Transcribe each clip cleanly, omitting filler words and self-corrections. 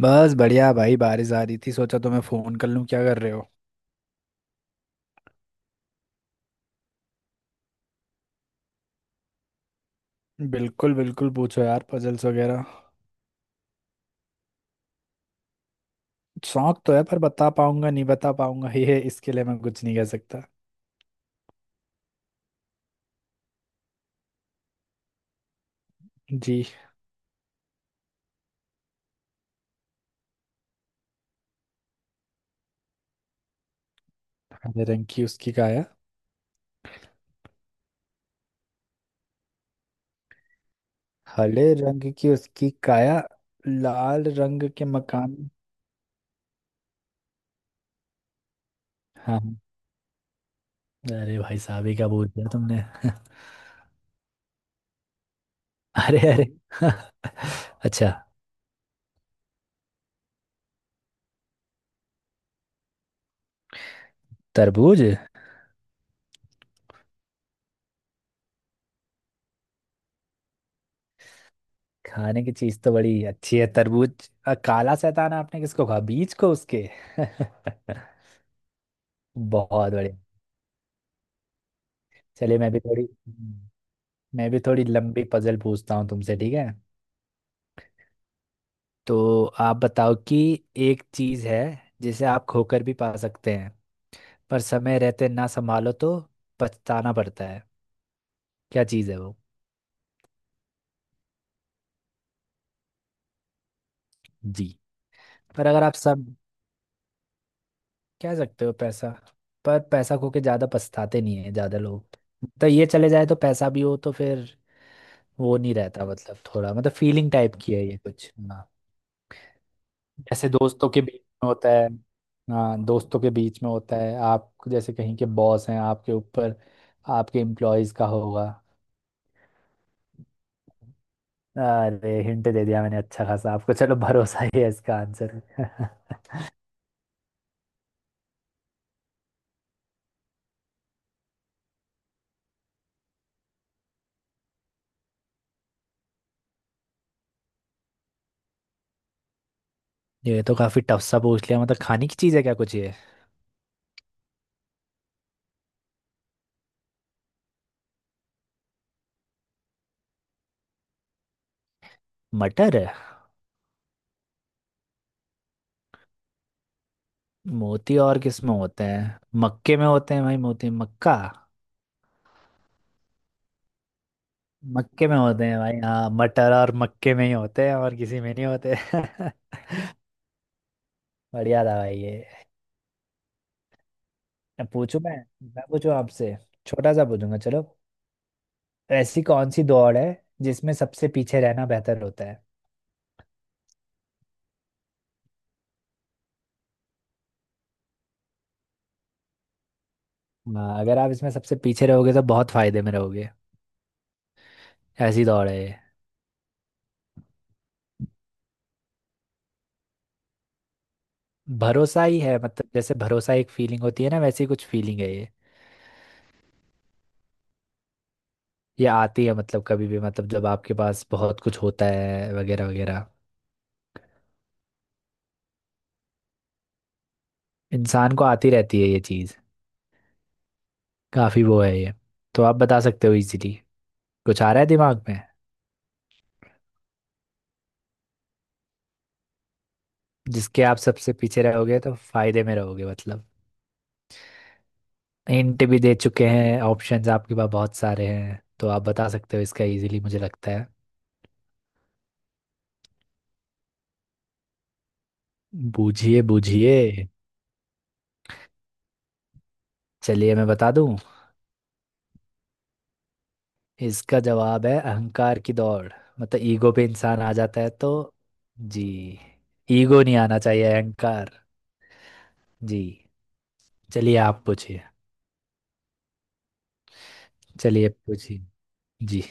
बस बढ़िया भाई। बारिश आ रही थी, सोचा तो मैं फोन कर लूं। क्या कर रहे हो? बिल्कुल बिल्कुल, पूछो यार, पजल्स वगैरह। शौक तो है पर बता पाऊंगा, नहीं बता पाऊंगा ये इसके लिए मैं कुछ नहीं कह सकता। जी। हरे रंग की उसकी काया। हरे रंग की उसकी काया, लाल रंग के मकान। हाँ हाँ। अरे भाई साहब, ये क्या बोल दिया तुमने? अरे अरे अच्छा। तरबूज। खाने की चीज तो बड़ी अच्छी है, तरबूज। काला शैतान आपने किसको कहा, बीज को उसके? बहुत बढ़िया। चलिए मैं भी थोड़ी लंबी पजल पूछता हूँ तुमसे। ठीक है? तो आप बताओ कि एक चीज है, जिसे आप खोकर भी पा सकते हैं, पर समय रहते ना संभालो तो पछताना पड़ता है। क्या चीज है वो? जी। पर अगर आप सब... कह सकते हो पैसा, पर पैसा खो के ज्यादा पछताते नहीं है ज्यादा लोग। तो ये चले जाए तो पैसा भी हो तो फिर वो नहीं रहता। मतलब थोड़ा, मतलब फीलिंग टाइप की है ये कुछ। जैसे दोस्तों के बीच में होता है। हाँ, दोस्तों के बीच में होता है। आप जैसे कहीं के बॉस हैं, आपके ऊपर आपके एम्प्लॉयज का होगा। अरे हिंट दे दिया मैंने अच्छा खासा आपको। चलो, भरोसा ही है इसका आंसर। ये तो काफी टफ सा पूछ लिया। मतलब खाने की चीज है क्या कुछ ये? मटर है? मोती और किस में होते हैं? मक्के में होते हैं भाई, मोती, मक्का। मक्के में होते हैं भाई। हाँ, मटर और मक्के में ही होते हैं, और किसी में नहीं होते बढ़िया था भाई ये। अब पूछू मैं पूछू आपसे। छोटा सा पूछूंगा चलो। ऐसी कौन सी दौड़ है जिसमें सबसे पीछे रहना बेहतर होता है? हाँ, अगर आप इसमें सबसे पीछे रहोगे तो बहुत फायदे में रहोगे। ऐसी दौड़ है ये। भरोसा ही है, मतलब जैसे भरोसा एक फीलिंग होती है ना, वैसी कुछ फीलिंग है ये। ये आती है मतलब कभी भी, मतलब जब आपके पास बहुत कुछ होता है वगैरह वगैरह, इंसान को आती रहती है ये चीज़। काफ़ी वो है ये, तो आप बता सकते हो इजीली। कुछ आ रहा है दिमाग में? जिसके आप सबसे पीछे रहोगे तो फायदे में रहोगे मतलब। हिंट भी दे चुके हैं, ऑप्शंस आपके पास बहुत सारे हैं, तो आप बता सकते हो इसका इजीली मुझे लगता है। बूझिए बूझिए। चलिए मैं बता दूं। इसका जवाब है अहंकार की दौड़। मतलब ईगो पे इंसान आ जाता है तो। जी। ईगो नहीं आना चाहिए, अहंकार। जी। चलिए आप पूछिए। चलिए पूछिए। जी।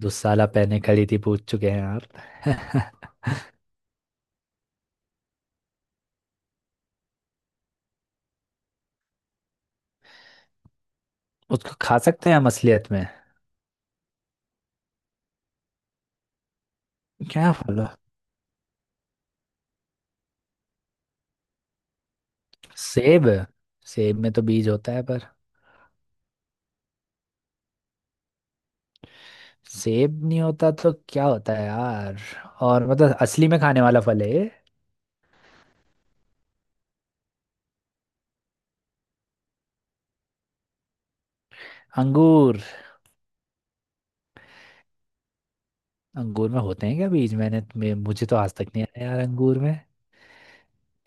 दुसाला पहने खड़ी थी पूछ चुके हैं आप। उसको खा सकते हैं हम असलियत में? क्या फल है? सेब। सेब में तो बीज होता है पर... सेब नहीं होता तो क्या होता है यार? और मतलब असली में खाने वाला फल है ये। अंगूर। अंगूर में होते हैं क्या बीज? मुझे तो आज तक नहीं आया यार, अंगूर में।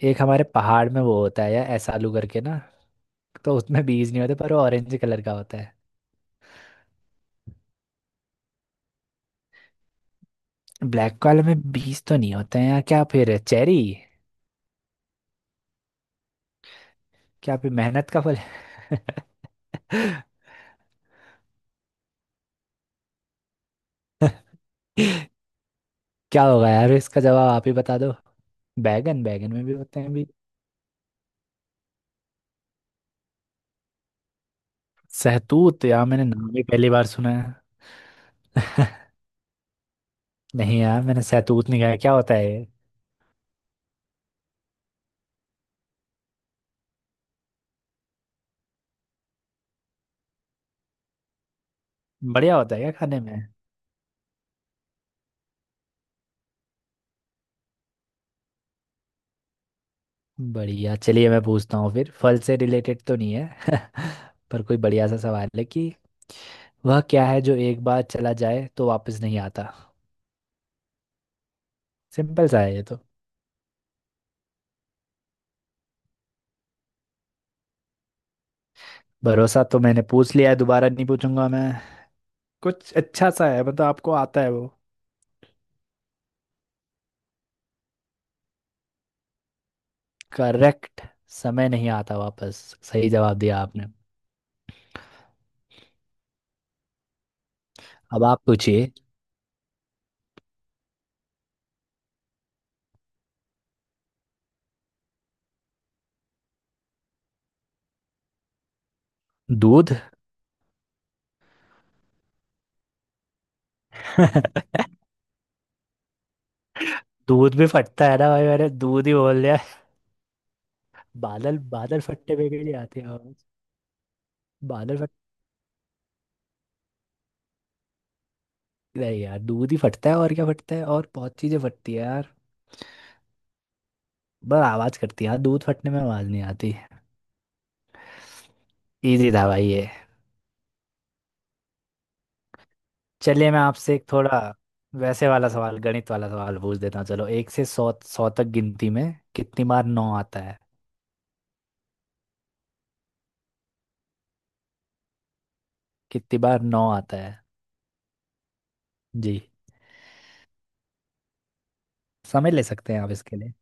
एक हमारे पहाड़ में वो होता है यार, ऐसालू करके ना, तो उसमें बीज नहीं होते, पर वो ऑरेंज कलर का होता है। ब्लैक वाले में बीज तो नहीं होते हैं यार। क्या फिर है? चेरी? क्या फिर मेहनत का फल है? क्या होगा यार इसका जवाब? आप ही बता दो। बैगन? बैगन में भी होते हैं बीज। सहतूत, यार मैंने नाम ही पहली बार सुना। नहीं यार, मैंने सैतूत नहीं खाया। क्या होता है ये? बढ़िया होता है क्या खाने में? बढ़िया, चलिए मैं पूछता हूँ फिर। फल से रिलेटेड तो नहीं है पर कोई बढ़िया सा सवाल है कि वह क्या है जो एक बार चला जाए तो वापस नहीं आता? सिंपल सा है ये तो। भरोसा तो मैंने पूछ लिया है, दोबारा नहीं पूछूंगा मैं। कुछ अच्छा सा है, मतलब आपको आता है वो? करेक्ट। समय नहीं आता वापस। सही जवाब दिया आपने। अब आप पूछिए। दूध। दूध भी फटता है ना भाई, मैंने दूध ही बोल... बादल बादल फटने पे भी नहीं आती आवाज। बादल फट... नहीं यार, दूध ही फटता है। और क्या फटता है? और बहुत चीजें फटती है यार, बस आवाज करती है यार, दूध फटने में आवाज नहीं आती। इजी था भाई ये। चलिए मैं आपसे एक थोड़ा वैसे वाला सवाल, गणित वाला सवाल पूछ देता हूँ चलो। एक से सौ सौ तक गिनती में कितनी बार 9 आता है? कितनी बार नौ आता है? जी। समझ ले सकते हैं आप इसके लिए।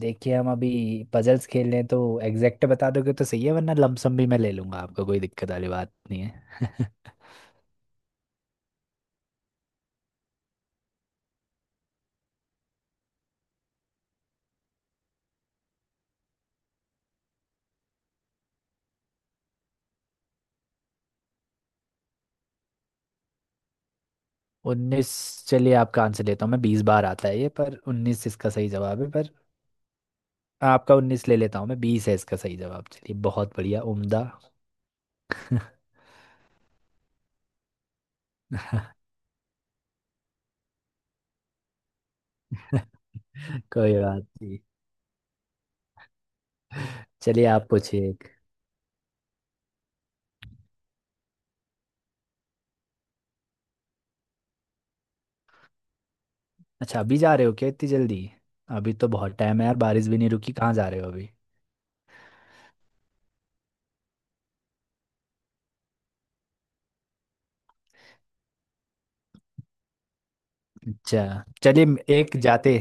देखिए हम अभी पजल्स खेल रहे हैं, तो एग्जैक्ट बता दोगे तो सही है, वरना लमसम भी मैं ले लूंगा, आपको कोई दिक्कत वाली बात नहीं है। 19? चलिए आपका आंसर लेता हूँ मैं। 20 बार आता है ये, पर 19 इसका सही जवाब है। पर आपका 19 ले लेता हूँ मैं। 20 है इसका सही जवाब। चलिए बहुत बढ़िया, उम्दा कोई बात नहीं, चलिए आप पूछिए एक। अच्छा अभी जा रहे हो क्या इतनी जल्दी? अभी तो बहुत टाइम है यार, बारिश भी नहीं रुकी, कहाँ जा रहे हो अभी? अच्छा चलिए, एक जाते...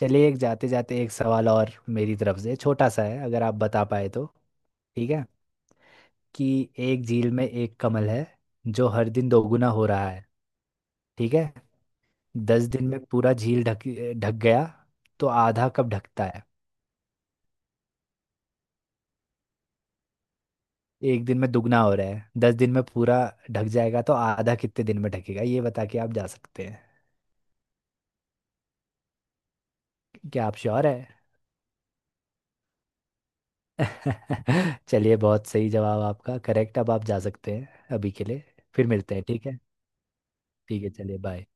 चलिए एक जाते जाते एक सवाल और मेरी तरफ से, छोटा सा है, अगर आप बता पाए तो। ठीक है? कि एक झील में एक कमल है जो हर दिन दोगुना हो रहा है। ठीक है। 10 दिन में पूरा झील ढक ढक गया, तो आधा कब ढकता है? एक दिन में दुगना हो रहा है, 10 दिन में पूरा ढक जाएगा, तो आधा कितने दिन में ढकेगा? ये बता के आप जा सकते हैं। क्या आप श्योर है? चलिए बहुत सही जवाब आपका, करेक्ट। अब आप जा सकते हैं अभी के लिए। फिर मिलते हैं, ठीक है। ठीक है चलिए, बाय।